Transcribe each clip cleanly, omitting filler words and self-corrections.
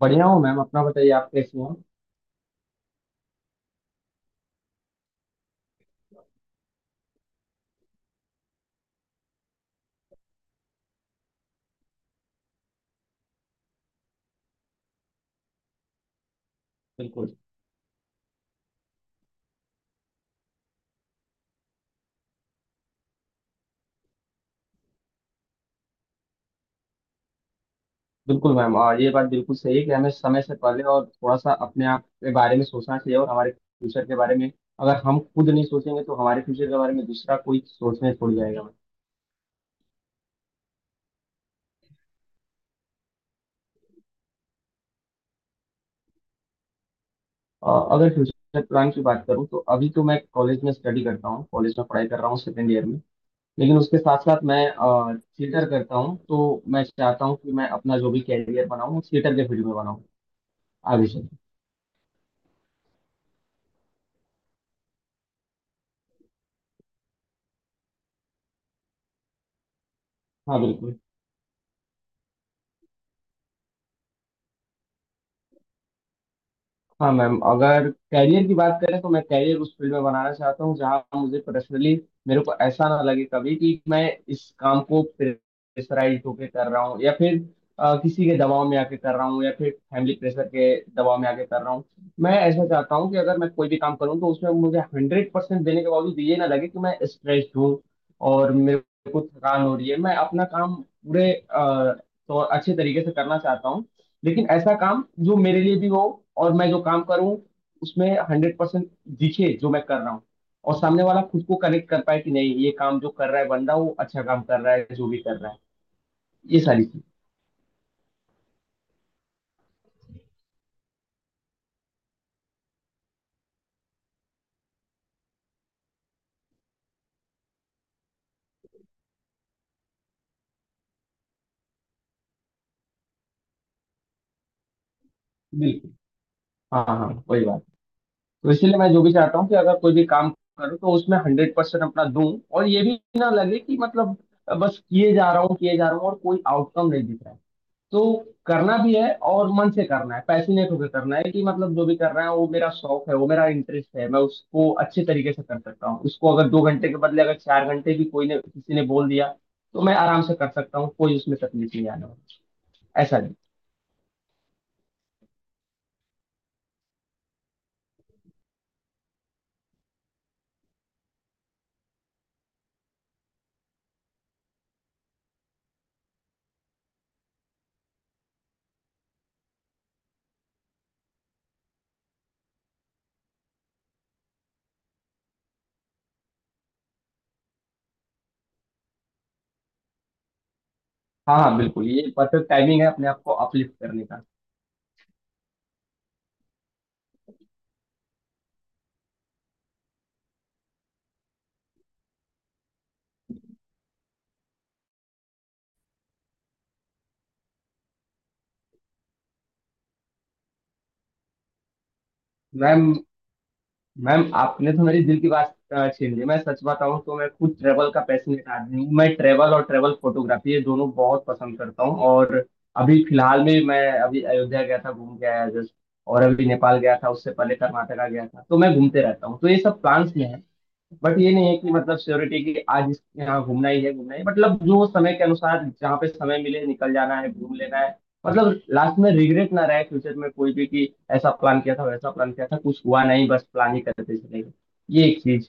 बढ़िया हूँ मैम। अपना बताइए, आप कैसे हो। बिल्कुल, बिल्कुल मैम। और ये बात बिल्कुल सही है कि हमें समय से पहले और थोड़ा सा अपने आप के बारे में सोचना चाहिए और हमारे फ्यूचर के बारे में। अगर हम खुद नहीं सोचेंगे तो हमारे फ्यूचर के बारे में दूसरा कोई सोचने छोड़ जाएगा। और अगर फ्यूचर प्लान की बात करूँ तो अभी तो मैं कॉलेज में स्टडी करता हूँ, कॉलेज में पढ़ाई कर रहा हूँ सेकेंड ईयर में। लेकिन उसके साथ साथ मैं थिएटर करता हूँ, तो मैं चाहता हूँ कि मैं अपना जो भी कैरियर बनाऊँ थिएटर के फील्ड में बनाऊँ आगे चल। हाँ बिल्कुल। हाँ मैम, अगर कैरियर की बात करें तो मैं कैरियर उस फील्ड में बनाना चाहता हूँ जहाँ मुझे पर्सनली मेरे को ऐसा ना लगे कभी कि मैं इस काम को प्रेशराइज होके कर रहा हूँ या फिर किसी के दबाव में आके कर रहा हूँ या फिर फैमिली प्रेशर के दबाव में आके कर रहा हूँ। मैं ऐसा चाहता हूँ कि अगर मैं कोई भी काम करूँ तो उसमें मुझे हंड्रेड परसेंट देने के बावजूद ये ना लगे कि मैं स्ट्रेस्ड हूँ और मेरे को थकान हो रही है। मैं अपना काम पूरे तो अच्छे तरीके से करना चाहता हूँ, लेकिन ऐसा काम जो मेरे लिए भी हो और मैं जो काम करूं उसमें हंड्रेड परसेंट दिखे जो मैं कर रहा हूं, और सामने वाला खुद को कनेक्ट कर पाए कि नहीं ये काम जो कर रहा है बंदा वो अच्छा काम कर रहा है जो भी कर रहा है, ये सारी चीज। बिल्कुल। हाँ हाँ हाँ, वही बात। तो इसीलिए मैं जो भी चाहता हूँ कि अगर कोई भी काम करूँ तो उसमें हंड्रेड परसेंट अपना दूं, और ये भी ना लगे कि मतलब बस किए जा रहा हूँ किए जा रहा हूँ और कोई आउटकम नहीं दिख रहा है। तो करना भी है और मन से करना है, पैशनेट होकर करना है कि मतलब जो भी कर रहा है वो मेरा शौक है वो मेरा इंटरेस्ट है। मैं उसको अच्छे तरीके से कर सकता हूँ, उसको अगर दो घंटे के बदले अगर चार घंटे भी कोई ने किसी ने बोल दिया तो मैं आराम से कर सकता हूँ, कोई उसमें तकलीफ नहीं आने वाली, ऐसा नहीं। हाँ हाँ बिल्कुल, ये परफेक्ट टाइमिंग है अपने आप को अपलिफ्ट करने का। मैम मैम आपने तो मेरी दिल की बात छीन ली। मैं सच बताऊं तो मैं खुद ट्रेवल का पैशनेट आदमी हूँ। मैं ट्रेवल और ट्रेवल फोटोग्राफी ये दोनों बहुत पसंद करता हूँ। और अभी फिलहाल में मैं अभी अयोध्या गया था, घूम के आया जस्ट। और अभी नेपाल गया था, उससे पहले कर्नाटका गया था। तो मैं घूमते रहता हूँ, तो ये सब प्लान्स में है। बट ये नहीं है कि मतलब श्योरिटी कि आज यहाँ घूमना ही है घूमना ही है। मतलब जो समय के अनुसार जहाँ पे समय मिले निकल जाना है, घूम लेना है। मतलब लास्ट में रिग्रेट ना रहे फ्यूचर में कोई भी कि ऐसा प्लान किया था वैसा प्लान किया था, कुछ हुआ नहीं, बस प्लान ही करते चले गए, ये एक चीज।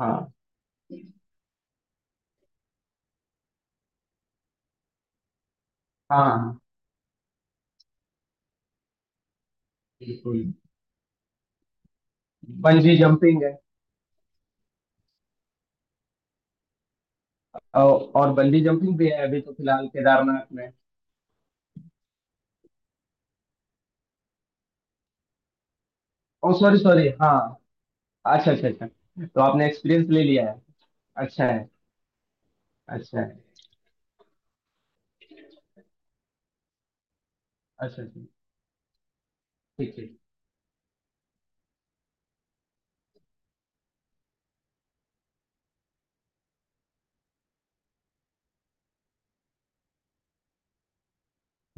हाँ हाँ बिल्कुल। बंजी जंपिंग है। और, और बंजी जंपिंग भी है, अभी तो फिलहाल केदारनाथ में। ओ सॉरी सॉरी, हाँ। अच्छा अच्छा अच्छा, तो आपने एक्सपीरियंस ले लिया है। अच्छा है, अच्छा है। अच्छा अच्छा। ठीक ठीक।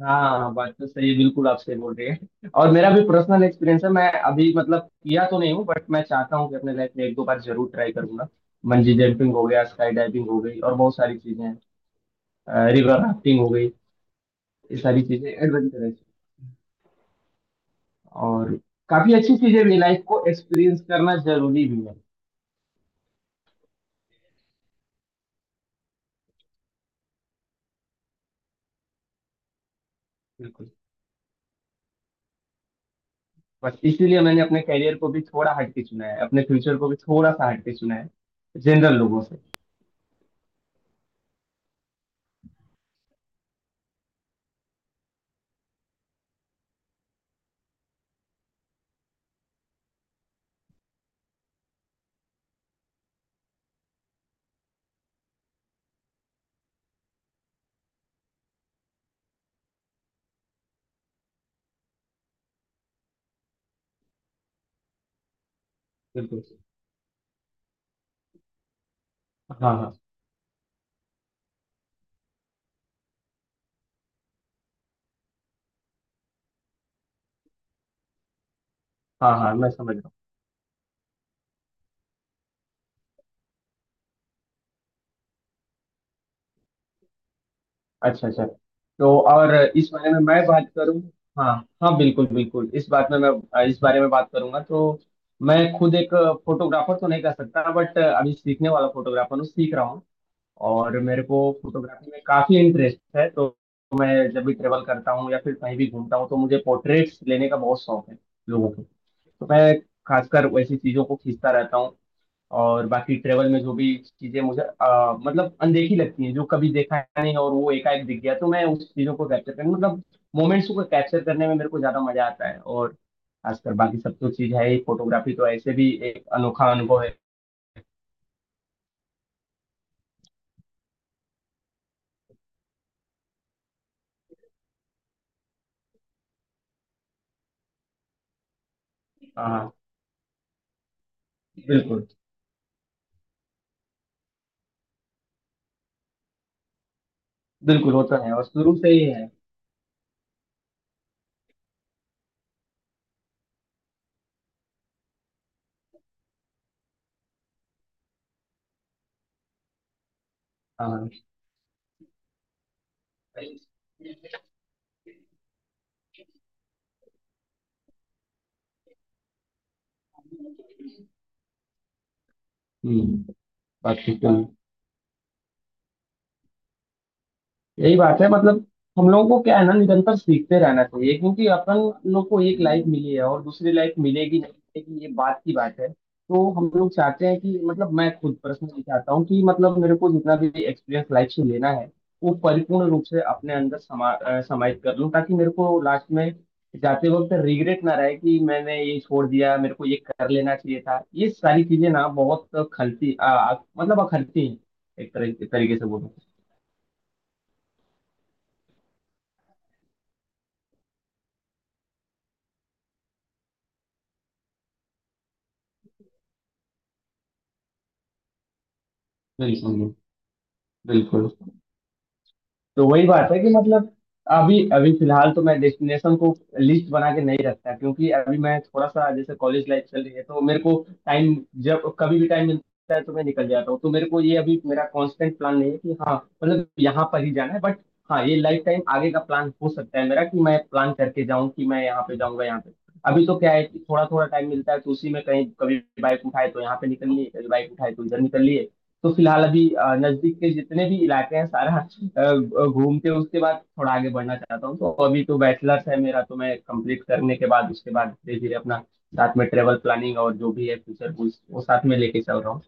हाँ हाँ, हाँ, बात तो सही है बिल्कुल, आप सही बोल रही है। और मेरा भी पर्सनल एक्सपीरियंस है, मैं अभी मतलब किया तो नहीं हूँ बट मैं चाहता हूँ कि अपने लाइफ में एक दो बार जरूर ट्राई करूंगा। बंजी जंपिंग हो गया, स्काई डाइविंग हो गई, और बहुत सारी चीजें हैं, रिवर राफ्टिंग हो गई, ये सारी चीजें एडवेंचरस और काफी अच्छी चीजें भी। लाइफ को एक्सपीरियंस करना जरूरी भी है। बिल्कुल, बस इसीलिए मैंने अपने करियर को भी थोड़ा हटके चुना है, अपने फ्यूचर को भी थोड़ा सा हटके चुना है, जनरल लोगों से। बिल्कुल। हाँ हाँ। हाँ हाँ मैं समझ रहा हूँ। अच्छा अच्छा। तो और इस बारे में मैं बात करूं। हाँ। हाँ बिल्कुल बिल्कुल, इस बात में मैं इस बारे में बात करूंगा तो मैं खुद एक फोटोग्राफर तो नहीं कर सकता बट अभी सीखने वाला फोटोग्राफर हूँ, सीख रहा हूँ, और मेरे को फोटोग्राफी में काफी इंटरेस्ट है। तो मैं जब भी ट्रेवल करता हूँ या फिर कहीं भी घूमता हूँ तो मुझे पोर्ट्रेट्स लेने का बहुत शौक है लोगों को। तो मैं खासकर वैसी चीजों को खींचता रहता हूँ। और बाकी ट्रेवल में जो भी चीजें मुझे मतलब अनदेखी लगती हैं, जो कभी देखा नहीं और वो एकाएक दिख गया, तो मैं उस चीजों को कैप्चर करने मतलब मोमेंट्स को कैप्चर करने में मेरे को ज्यादा मजा आता है। और खासकर बाकी सब तो चीज है ही, फोटोग्राफी तो ऐसे भी एक अनोखा अनुभव है। हाँ हाँ, बिल्कुल बिल्कुल होता है, और शुरू से ही है। हाँ हाँ। हम्म। बाकी तो यही बात है, मतलब हम लोगों को क्या है ना निरंतर सीखते रहना चाहिए क्योंकि अपन लोग को एक लाइफ मिली है और दूसरी लाइफ मिलेगी नहीं मिलेगी ये बात की बात है। तो हम लोग चाहते हैं कि मतलब मैं खुद पर्सनली चाहता हूँ कि मतलब मेरे को जितना भी एक्सपीरियंस लाइफ से लेना है वो परिपूर्ण रूप से अपने अंदर समाहित कर लूँ, ताकि मेरे को लास्ट में जाते वक्त रिग्रेट ना रहे कि मैंने ये छोड़ दिया, मेरे को ये कर लेना चाहिए था। ये सारी चीजें ना बहुत खलती मतलब अखरती हैं, एक तरह तरीके से बोलूँ। बिल्कुल, बिल्कुल। तो वही बात है कि मतलब अभी अभी फिलहाल तो मैं डेस्टिनेशन को लिस्ट बना के नहीं रखता, क्योंकि अभी मैं थोड़ा सा जैसे कॉलेज लाइफ चल रही है तो मेरे को टाइम, जब कभी भी टाइम मिलता है तो मैं निकल जाता हूँ। तो मेरे को ये अभी मेरा कांस्टेंट प्लान नहीं है कि हाँ मतलब यहाँ पर ही जाना है, बट हाँ ये लाइफ टाइम आगे का प्लान हो सकता है मेरा कि मैं प्लान करके जाऊँ कि मैं यहाँ पे जाऊँगा यहाँ पे। अभी तो क्या है कि थोड़ा थोड़ा टाइम मिलता है तो उसी में कहीं कभी बाइक उठाए तो यहाँ पे निकल लिए, कभी बाइक उठाए तो इधर निकल लिए। तो फिलहाल अभी नजदीक के जितने भी इलाके हैं सारा अ, घूम के उसके बाद थोड़ा आगे बढ़ना चाहता हूँ। तो अभी तो बैचलर्स है मेरा, तो मैं कंप्लीट करने के बाद उसके बाद धीरे धीरे अपना साथ में ट्रेवल प्लानिंग और जो भी है फ्यूचर गोल्स वो साथ में लेके चल रहा हूँ।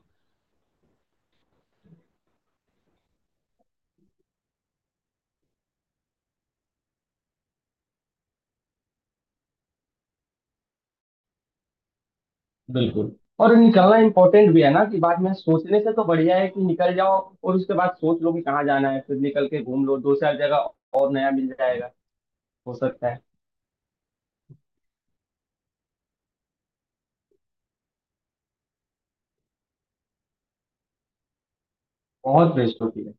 बिल्कुल, और निकलना इम्पोर्टेंट भी है ना कि बाद में सोचने से तो बढ़िया है कि निकल जाओ, और उसके बाद सोच लो कि कहाँ जाना है, फिर निकल के घूम लो दो चार जगह, और नया मिल जाएगा, हो सकता है। बहुत बेस्ट होती है।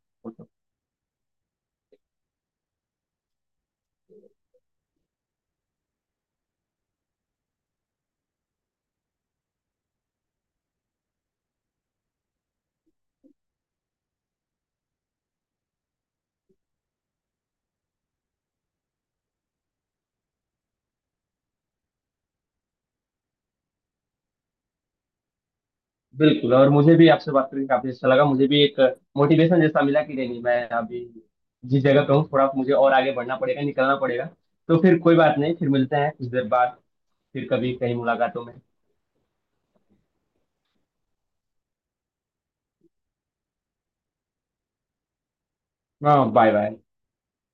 बिल्कुल, और मुझे भी आपसे बात करके काफी अच्छा लगा, मुझे भी एक मोटिवेशन जैसा मिला कि नहीं नहीं मैं अभी जिस जगह पे हूँ थोड़ा मुझे और आगे बढ़ना पड़ेगा, निकलना पड़ेगा। तो फिर कोई बात नहीं, फिर मिलते हैं कुछ देर बाद, फिर कभी कहीं मुलाकातों में। हाँ बाय बाय।